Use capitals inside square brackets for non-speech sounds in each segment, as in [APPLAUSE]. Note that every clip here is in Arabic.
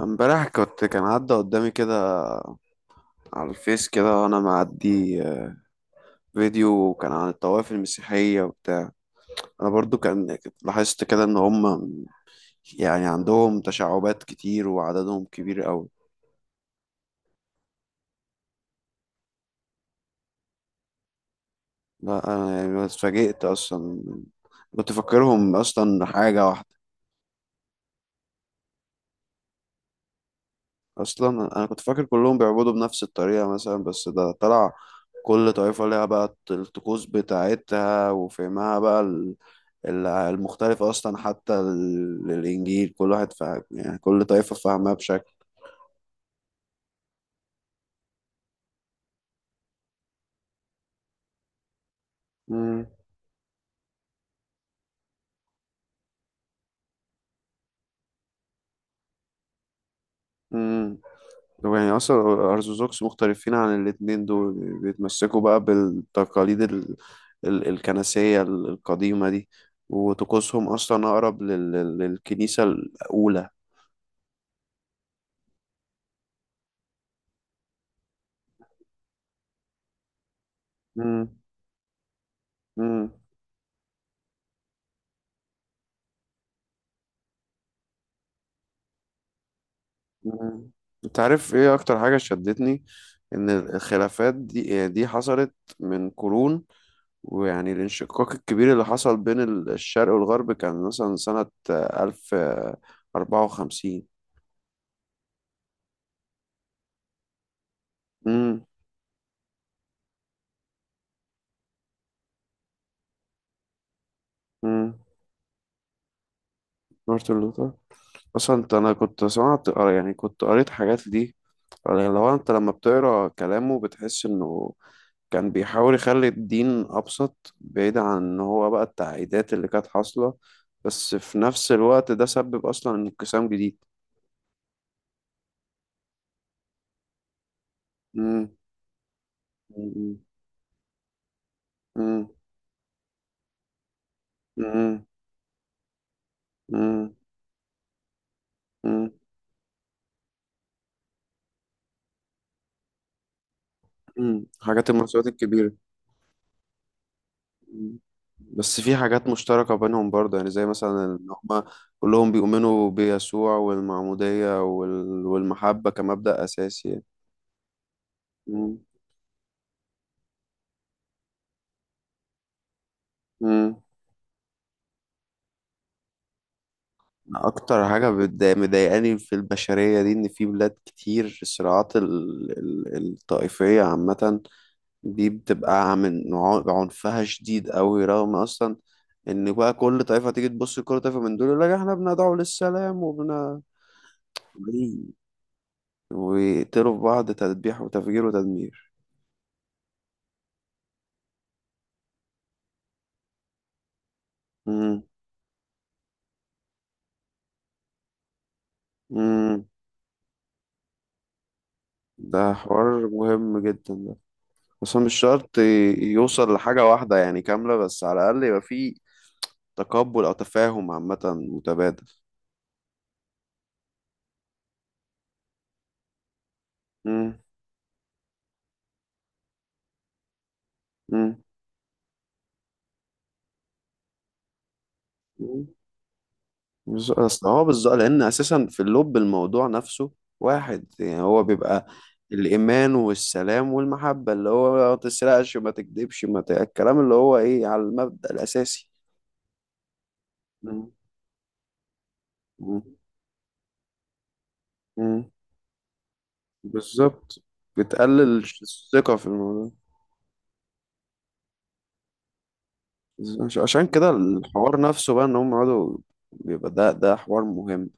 امبارح كان عدى قدامي كده على الفيس كده وانا معدي فيديو كان عن الطوائف المسيحية وبتاع. انا برضو كنت لاحظت كده ان هم يعني عندهم تشعبات كتير وعددهم كبير قوي. لا، انا يعني اتفاجئت اصلا. كنت فاكرهم اصلا حاجة واحدة. اصلا انا كنت فاكر كلهم بيعبدوا بنفس الطريقة مثلا، بس ده طلع كل طائفة ليها بقى الطقوس بتاعتها وفهمها بقى المختلفة أصلا. حتى الإنجيل كل واحد فاهم، يعني كل طائفة فاهمها بشكل. مم. مم. طب يعني أصلا الأرثوذكس مختلفين عن الاتنين دول، بيتمسكوا بقى بالتقاليد الكنسية القديمة دي، وطقوسهم أصلا أقرب للكنيسة الأولى. مم. مم. مم. أنت عارف إيه أكتر حاجة شدتني؟ إن الخلافات دي، يعني دي حصلت من قرون. ويعني الانشقاق الكبير اللي حصل بين الشرق والغرب كان مثلا سنة ألف أربعة وخمسين. امم امم مارتن لوثر. أصلا أنا كنت سمعت قر- يعني كنت قريت حاجات دي. لو أنت لما بتقرا كلامه بتحس إنه كان بيحاول يخلي الدين أبسط، بعيد عن إن هو بقى التعقيدات اللي كانت حاصلة. بس في نفس الوقت ده سبب أصلا انقسام جديد. مم. مم. مم. مم. مم. مم. حاجات، المناسبات الكبيرة. مم. بس في حاجات مشتركة بينهم برضه، يعني زي مثلا إن هما كلهم بيؤمنوا بيسوع والمعمودية والمحبة كمبدأ أساسي يعني. مم. مم. أكتر حاجة مضايقاني في البشرية دي إن في بلاد كتير الصراعات الطائفية عامة دي بتبقى من عنفها شديد أوي، رغم أصلا إن بقى كل طائفة تيجي تبص لكل طائفة من دول يقول لك إحنا بندعو للسلام وبن، ويقتلوا في بعض تذبيح وتفجير وتدمير. مم. مم. ده حوار مهم جدا ده. بس هو مش شرط يوصل لحاجة واحدة يعني كاملة، بس على الأقل يبقى فيه تقبل أو تفاهم عامة متبادل. مم. مم. مم. أصل هو بالظبط لأن أساسا في اللب الموضوع نفسه واحد، يعني هو بيبقى الإيمان والسلام والمحبة اللي هو ما تسرقش ما تكذبش ما ت... الكلام اللي هو إيه على المبدأ الأساسي. مم. مم. مم. بالظبط. بتقلل الثقة في الموضوع. عشان كده الحوار نفسه بقى ان هم يقعدوا، بيبقى ده حوار مهم.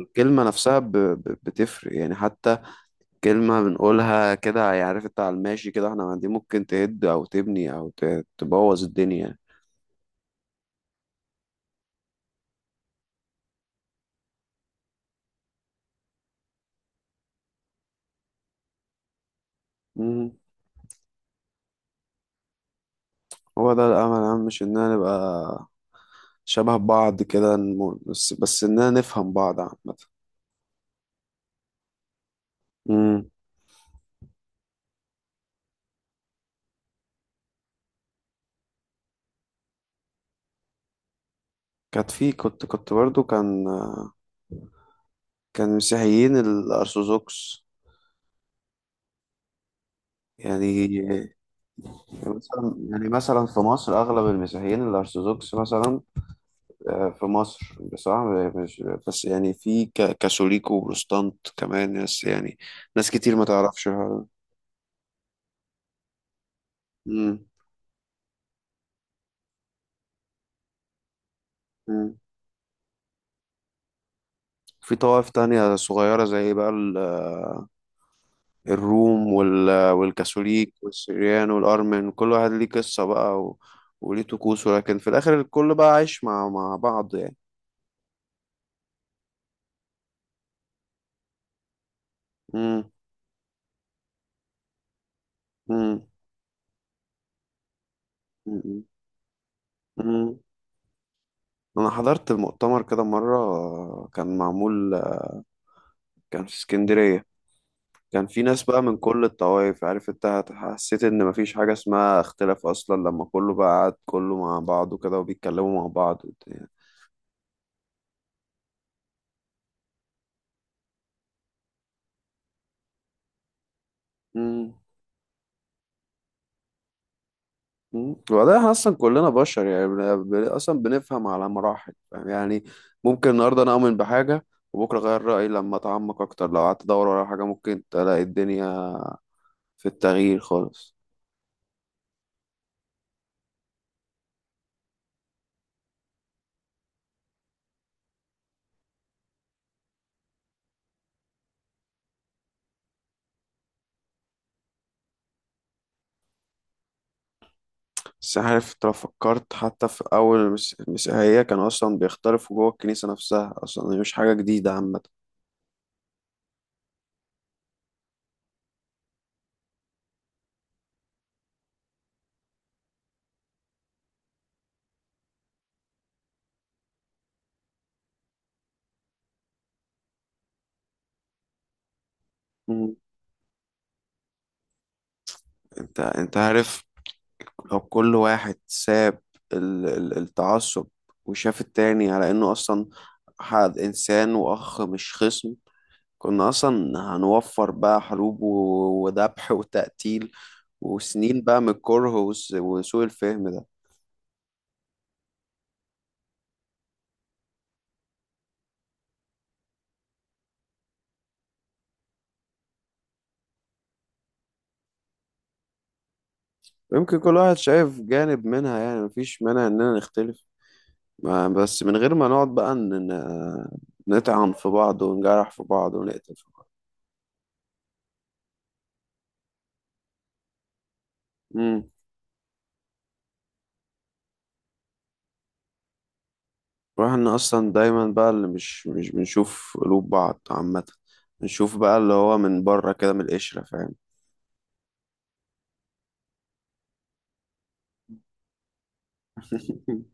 الكلمة نفسها بتفرق يعني. حتى كلمة بنقولها كده، يعني عارف انت على الماشي كده، احنا دي ممكن تهد او تبني او تبوظ الدنيا. مم. هو ده الامل يا عم، مش اننا نبقى شبه بعض كده، بس اننا نفهم بعض عامة. مم. كانت في كنت كنت برضو كان كان مسيحيين الأرثوذكس يعني. مثلا في مصر اغلب المسيحيين الارثوذكس مثلا، في مصر بصراحه مش، بس يعني في كاثوليك وبروتستانت كمان ناس، يعني ناس كتير ما تعرفش الحوار ده. مم. مم. في طوائف تانية صغيرة زي بقى الروم والكاثوليك والسريان والأرمن، كل واحد ليه قصة بقى و... وليه طقوسه، لكن في الآخر الكل بقى عايش مع بعض يعني. مم. مم. مم. مم. انا حضرت مؤتمر كده مره كان معمول، كان في اسكندريه. كان في ناس بقى من كل الطوائف، عارف انت، حسيت ان مفيش حاجه اسمها اختلاف اصلا لما كله بقى قعد كله مع بعضه كده وبيتكلموا مع بعض وبتاع. مم. مم. وبعدين احنا اصلا كلنا بشر يعني، اصلا بنفهم على مراحل، فاهم؟ يعني ممكن النهارده انا اؤمن بحاجه وبكره اغير رايي لما اتعمق اكتر. لو قعدت ادور ورا حاجه ممكن تلاقي الدنيا في التغيير خالص. بس عارف انت لو فكرت حتى في أول المسيحية كانوا أصلا بيختلفوا جوه الكنيسة نفسها، أصلا هي مش حاجة جديدة عامة. مم. انت عارف، لو كل واحد ساب التعصب، وشاف التاني على انه اصلا حد انسان واخ مش خصم، كنا اصلا هنوفر بقى حروب وذبح وتقتيل وسنين بقى من الكره وسوء الفهم ده. يمكن كل واحد شايف جانب منها، يعني مفيش مانع اننا نختلف، بس من غير ما نقعد بقى نطعن في بعض ونجرح في بعض ونقتل في بعض. امم واحنا اصلا دايما بقى اللي مش بنشوف قلوب بعض عامة، بنشوف بقى اللي هو من بره كده من القشرة، فاهم؟ [LAUGHS]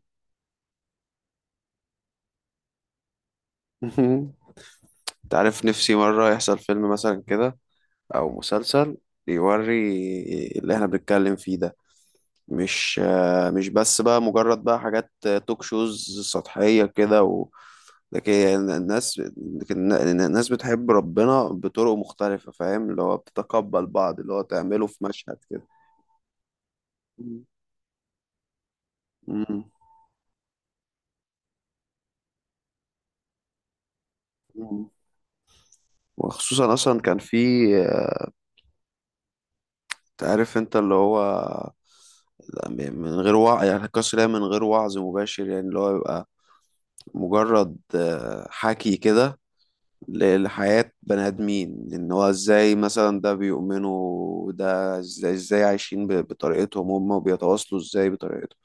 انت عارف، نفسي مرة يحصل فيلم مثلا كده او مسلسل يوري اللي احنا بنتكلم فيه ده، مش بس بقى مجرد بقى حاجات توك شوز سطحية كده. لكن يعني الناس، لكن الناس بتحب ربنا بطرق مختلفة، فاهم؟ اللي هو بتتقبل بعض، اللي هو تعمله في مشهد كده. مم. مم. مم. وخصوصا اصلا كان في، تعرف انت اللي هو، من غير وعي يعني القصر ده من غير وعظ مباشر، يعني اللي هو يبقى مجرد حكي كده لحياة بني آدمين إن هو إزاي مثلا ده بيؤمنوا، وده إزاي عايشين بطريقتهم هم وبيتواصلوا إزاي بطريقتهم.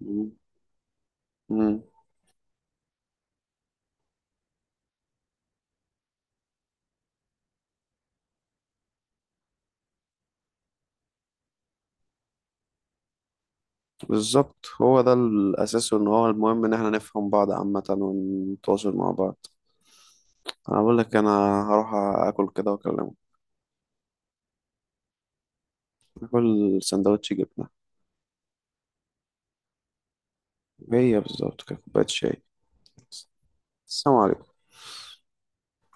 مم. مم. بالظبط، هو ده الأساس، وإن هو المهم إن إحنا نفهم بعض عامة ونتواصل مع بعض. أنا بقول لك أنا هروح آكل كده وأكلمك. آكل سندوتش جبنة، هي بالظبط كده، كوباية شاي. السلام عليكم.